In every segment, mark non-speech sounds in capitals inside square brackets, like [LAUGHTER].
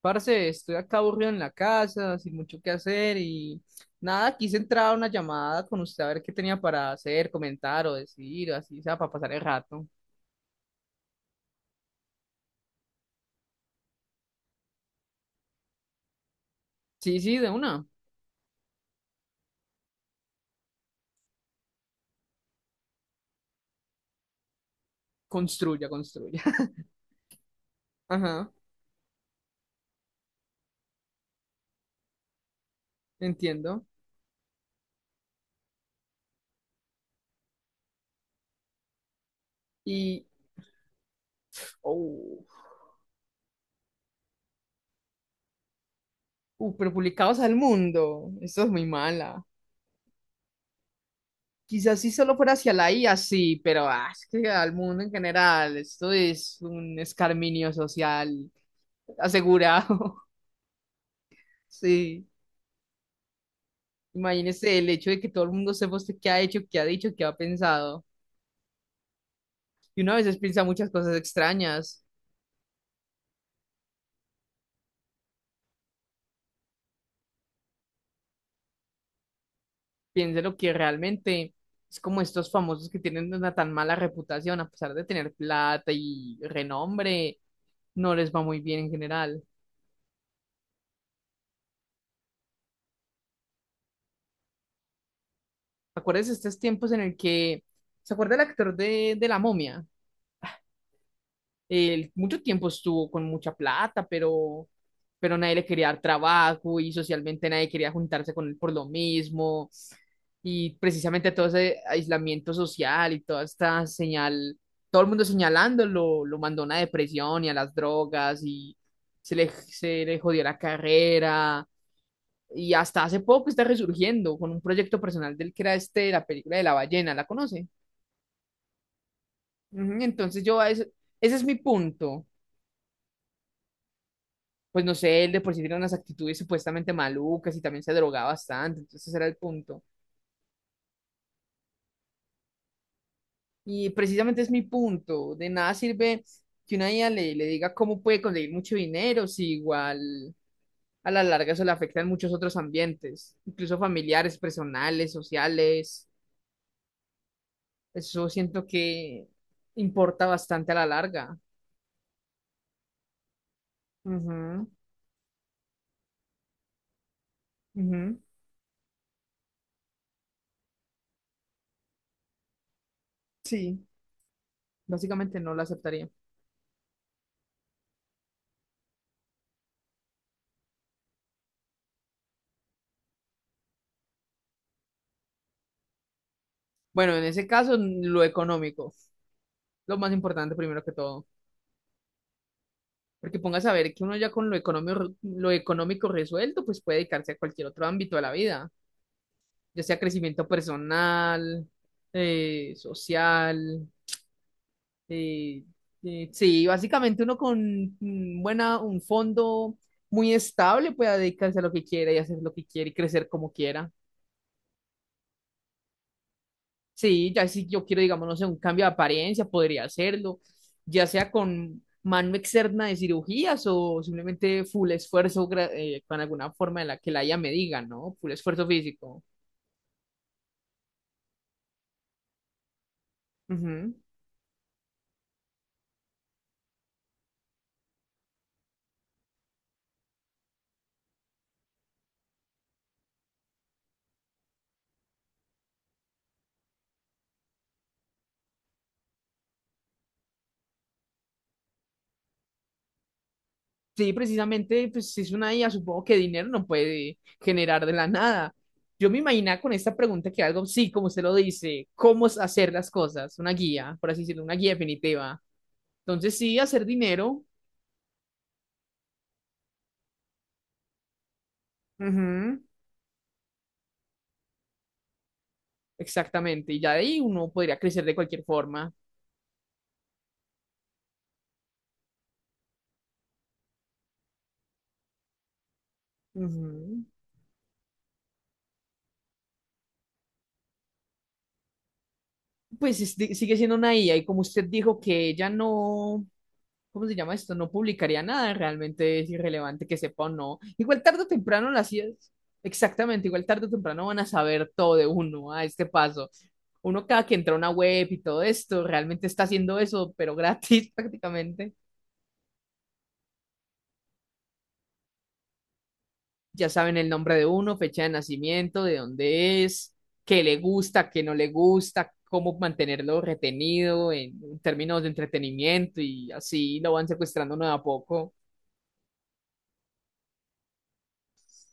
Parce, estoy acá aburrido en la casa, sin mucho que hacer y nada, quise entrar a una llamada con usted a ver qué tenía para hacer, comentar o decir, o así, o sea, para pasar el rato. Sí, sí, de una. Construya, construya. [LAUGHS] Ajá, entiendo. Y, oh, pero publicados al mundo. Esto es muy mala. Quizás si solo fuera hacia la IA, sí, pero es que al mundo en general, esto es un escarminio social asegurado. [LAUGHS] Sí. Imagínese el hecho de que todo el mundo sepa usted qué ha hecho, qué ha dicho, qué ha pensado. Y uno a veces piensa muchas cosas extrañas. Piense lo que realmente es como estos famosos que tienen una tan mala reputación, a pesar de tener plata y renombre, no les va muy bien en general. Acuérdese de estos tiempos en el que, ¿se acuerda el actor de La Momia? Él mucho tiempo estuvo con mucha plata, pero nadie le quería dar trabajo y socialmente nadie quería juntarse con él por lo mismo. Y precisamente todo ese aislamiento social y toda esta señal, todo el mundo señalándolo, lo mandó a una depresión y a las drogas y se le jodió la carrera. Y hasta hace poco está resurgiendo con un proyecto personal del que era este, la película de la ballena, ¿la conoce? Ujú. Entonces yo, a ese es mi punto. Pues no sé, él de por sí tenía unas actitudes supuestamente malucas y también se drogaba bastante, entonces ese era el punto. Y precisamente es mi punto, de nada sirve que una IA le diga cómo puede conseguir mucho dinero si igual a la larga eso le afecta en muchos otros ambientes, incluso familiares, personales, sociales, eso siento que importa bastante a la larga. Ujú, ujú. Sí, básicamente no lo aceptaría. Bueno, en ese caso, lo económico, lo más importante primero que todo. Porque pongas a ver que uno ya con lo económico resuelto, pues puede dedicarse a cualquier otro ámbito de la vida, ya sea crecimiento personal, social. eh, sí, básicamente uno con buena, un fondo muy estable puede dedicarse a lo que quiera y hacer lo que quiera y crecer como quiera. Sí, ya si yo quiero, digamos, no sé, un cambio de apariencia, podría hacerlo, ya sea con mano externa de cirugías o simplemente full esfuerzo con alguna forma en la que la IA me diga, ¿no? Full esfuerzo físico. Ujú. Sí, precisamente, pues si es una IA, supongo que dinero no puede generar de la nada. Yo me imaginaba con esta pregunta que algo, sí, como usted lo dice, cómo es hacer las cosas, una guía, por así decirlo, una guía definitiva. Entonces sí, hacer dinero. Ujú. Exactamente, y ya de ahí uno podría crecer de cualquier forma. Ujú. Pues sigue siendo una IA y como usted dijo que ella no, ¿cómo se llama esto? No publicaría nada, realmente es irrelevante que sepa o no. Igual tarde o temprano las IAs, exactamente, igual tarde o temprano van a saber todo de uno a este paso. Uno cada que entra a una web y todo esto, realmente está haciendo eso, pero gratis [LAUGHS] prácticamente. Ya saben el nombre de uno, fecha de nacimiento, de dónde es, qué le gusta, qué no le gusta, cómo mantenerlo retenido en términos de entretenimiento y así lo van secuestrando uno de a poco.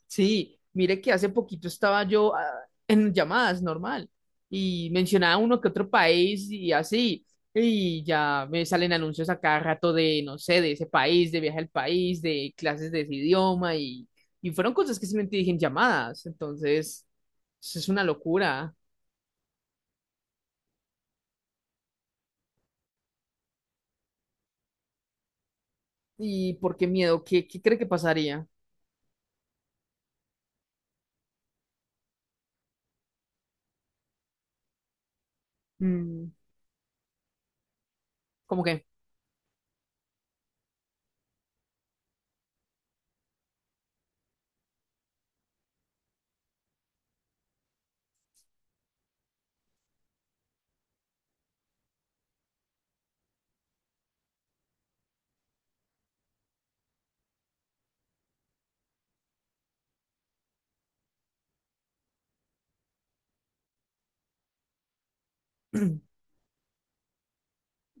Sí, mire que hace poquito estaba yo en llamadas normal y mencionaba uno que otro país y así, y ya me salen anuncios a cada rato de, no sé, de ese país, de viaje al país, de clases de ese idioma y fueron cosas que simplemente dije en llamadas, entonces eso es una locura. ¿Y por qué miedo? ¿Qué, qué cree que pasaría? Mm, ¿cómo que? [CLEARS THROAT]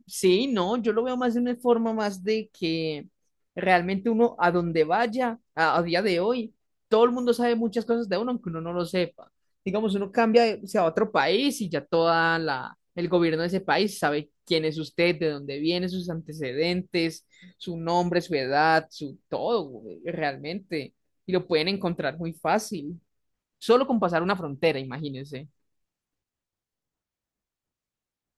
Sí, no, yo lo veo más de una forma más de que realmente uno a donde vaya, a día de hoy, todo el mundo sabe muchas cosas de uno, aunque uno no lo sepa. Digamos, uno cambia, se va a otro país y ya toda la, el gobierno de ese país sabe quién es usted, de dónde viene, sus antecedentes, su nombre, su edad, su todo, güey, realmente. Y lo pueden encontrar muy fácil, solo con pasar una frontera, imagínense.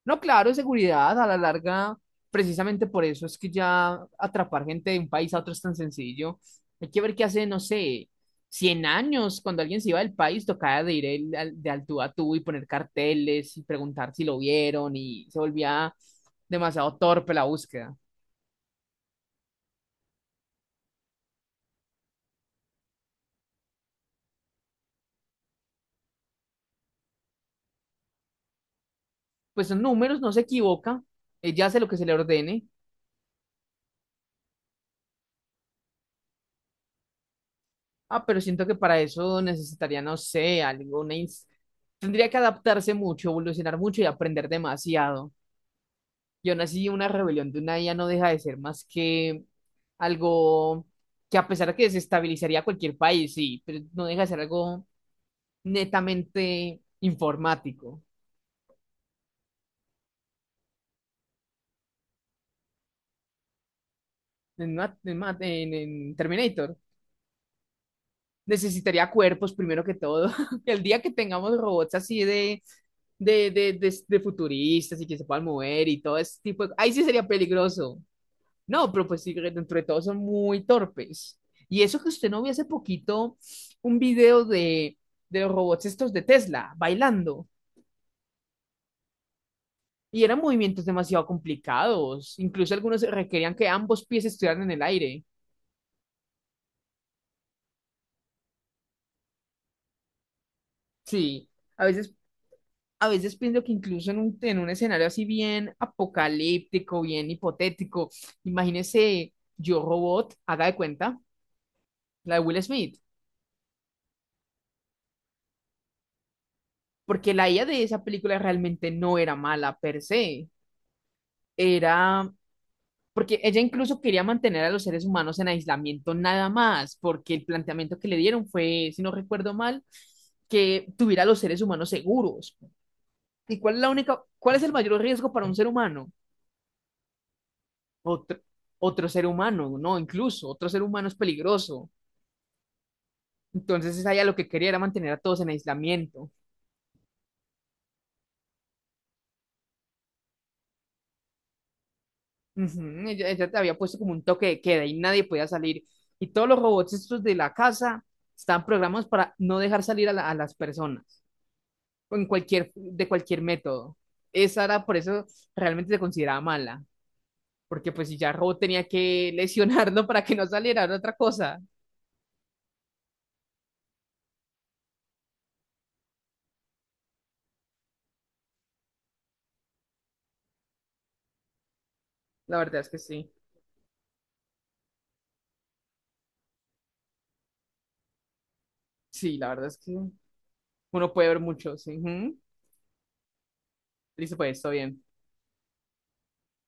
No, claro, seguridad a la larga, precisamente por eso es que ya atrapar gente de un país a otro es tan sencillo. Hay que ver qué hace, no sé, 100 años, cuando alguien se iba del país, tocaba de ir el- al- de al tú a tú y poner carteles y preguntar si lo vieron y se volvía demasiado torpe la búsqueda. Pues son números, no se equivoca, ella hace lo que se le ordene. Ah, pero siento que para eso necesitaría, no sé, alguna... Tendría que adaptarse mucho, evolucionar mucho y aprender demasiado. Yo nací una rebelión de una IA no deja de ser más que algo que a pesar de que desestabilizaría cualquier país, sí, pero no deja de ser algo netamente informático. En, en Terminator necesitaría cuerpos primero que todo. [LAUGHS] El día que tengamos robots así de, de futuristas y que se puedan mover y todo ese tipo de... Ahí sí sería peligroso. No, pero pues sí, dentro de todo son muy torpes. Y eso que usted no vio hace poquito un video de los robots estos de Tesla bailando. Y eran movimientos demasiado complicados. Incluso algunos requerían que ambos pies estuvieran en el aire. Sí, a veces, a veces pienso que incluso en un escenario así bien apocalíptico, bien hipotético, imagínese Yo Robot, haga de cuenta, la de Will Smith. Porque la IA de esa película realmente no era mala per se. Era porque ella incluso quería mantener a los seres humanos en aislamiento nada más, porque el planteamiento que le dieron fue, si no recuerdo mal, que tuviera a los seres humanos seguros. ¿Y cuál es la única, cuál es el mayor riesgo para un ser humano? Otro, otro ser humano, no, incluso otro ser humano es peligroso. Entonces ella lo que quería era mantener a todos en aislamiento. Ujú. Ella te había puesto como un toque de queda y nadie podía salir. Y todos los robots estos de la casa están programados para no dejar salir a a las personas en cualquier, de cualquier método. Esa era por eso realmente se consideraba mala, porque pues si ya Robo tenía que lesionarlo [LAUGHS] para que no saliera era otra cosa. La verdad es que sí, sí, la verdad es que uno puede ver mucho, sí. Ujú. Listo, pues, todo bien.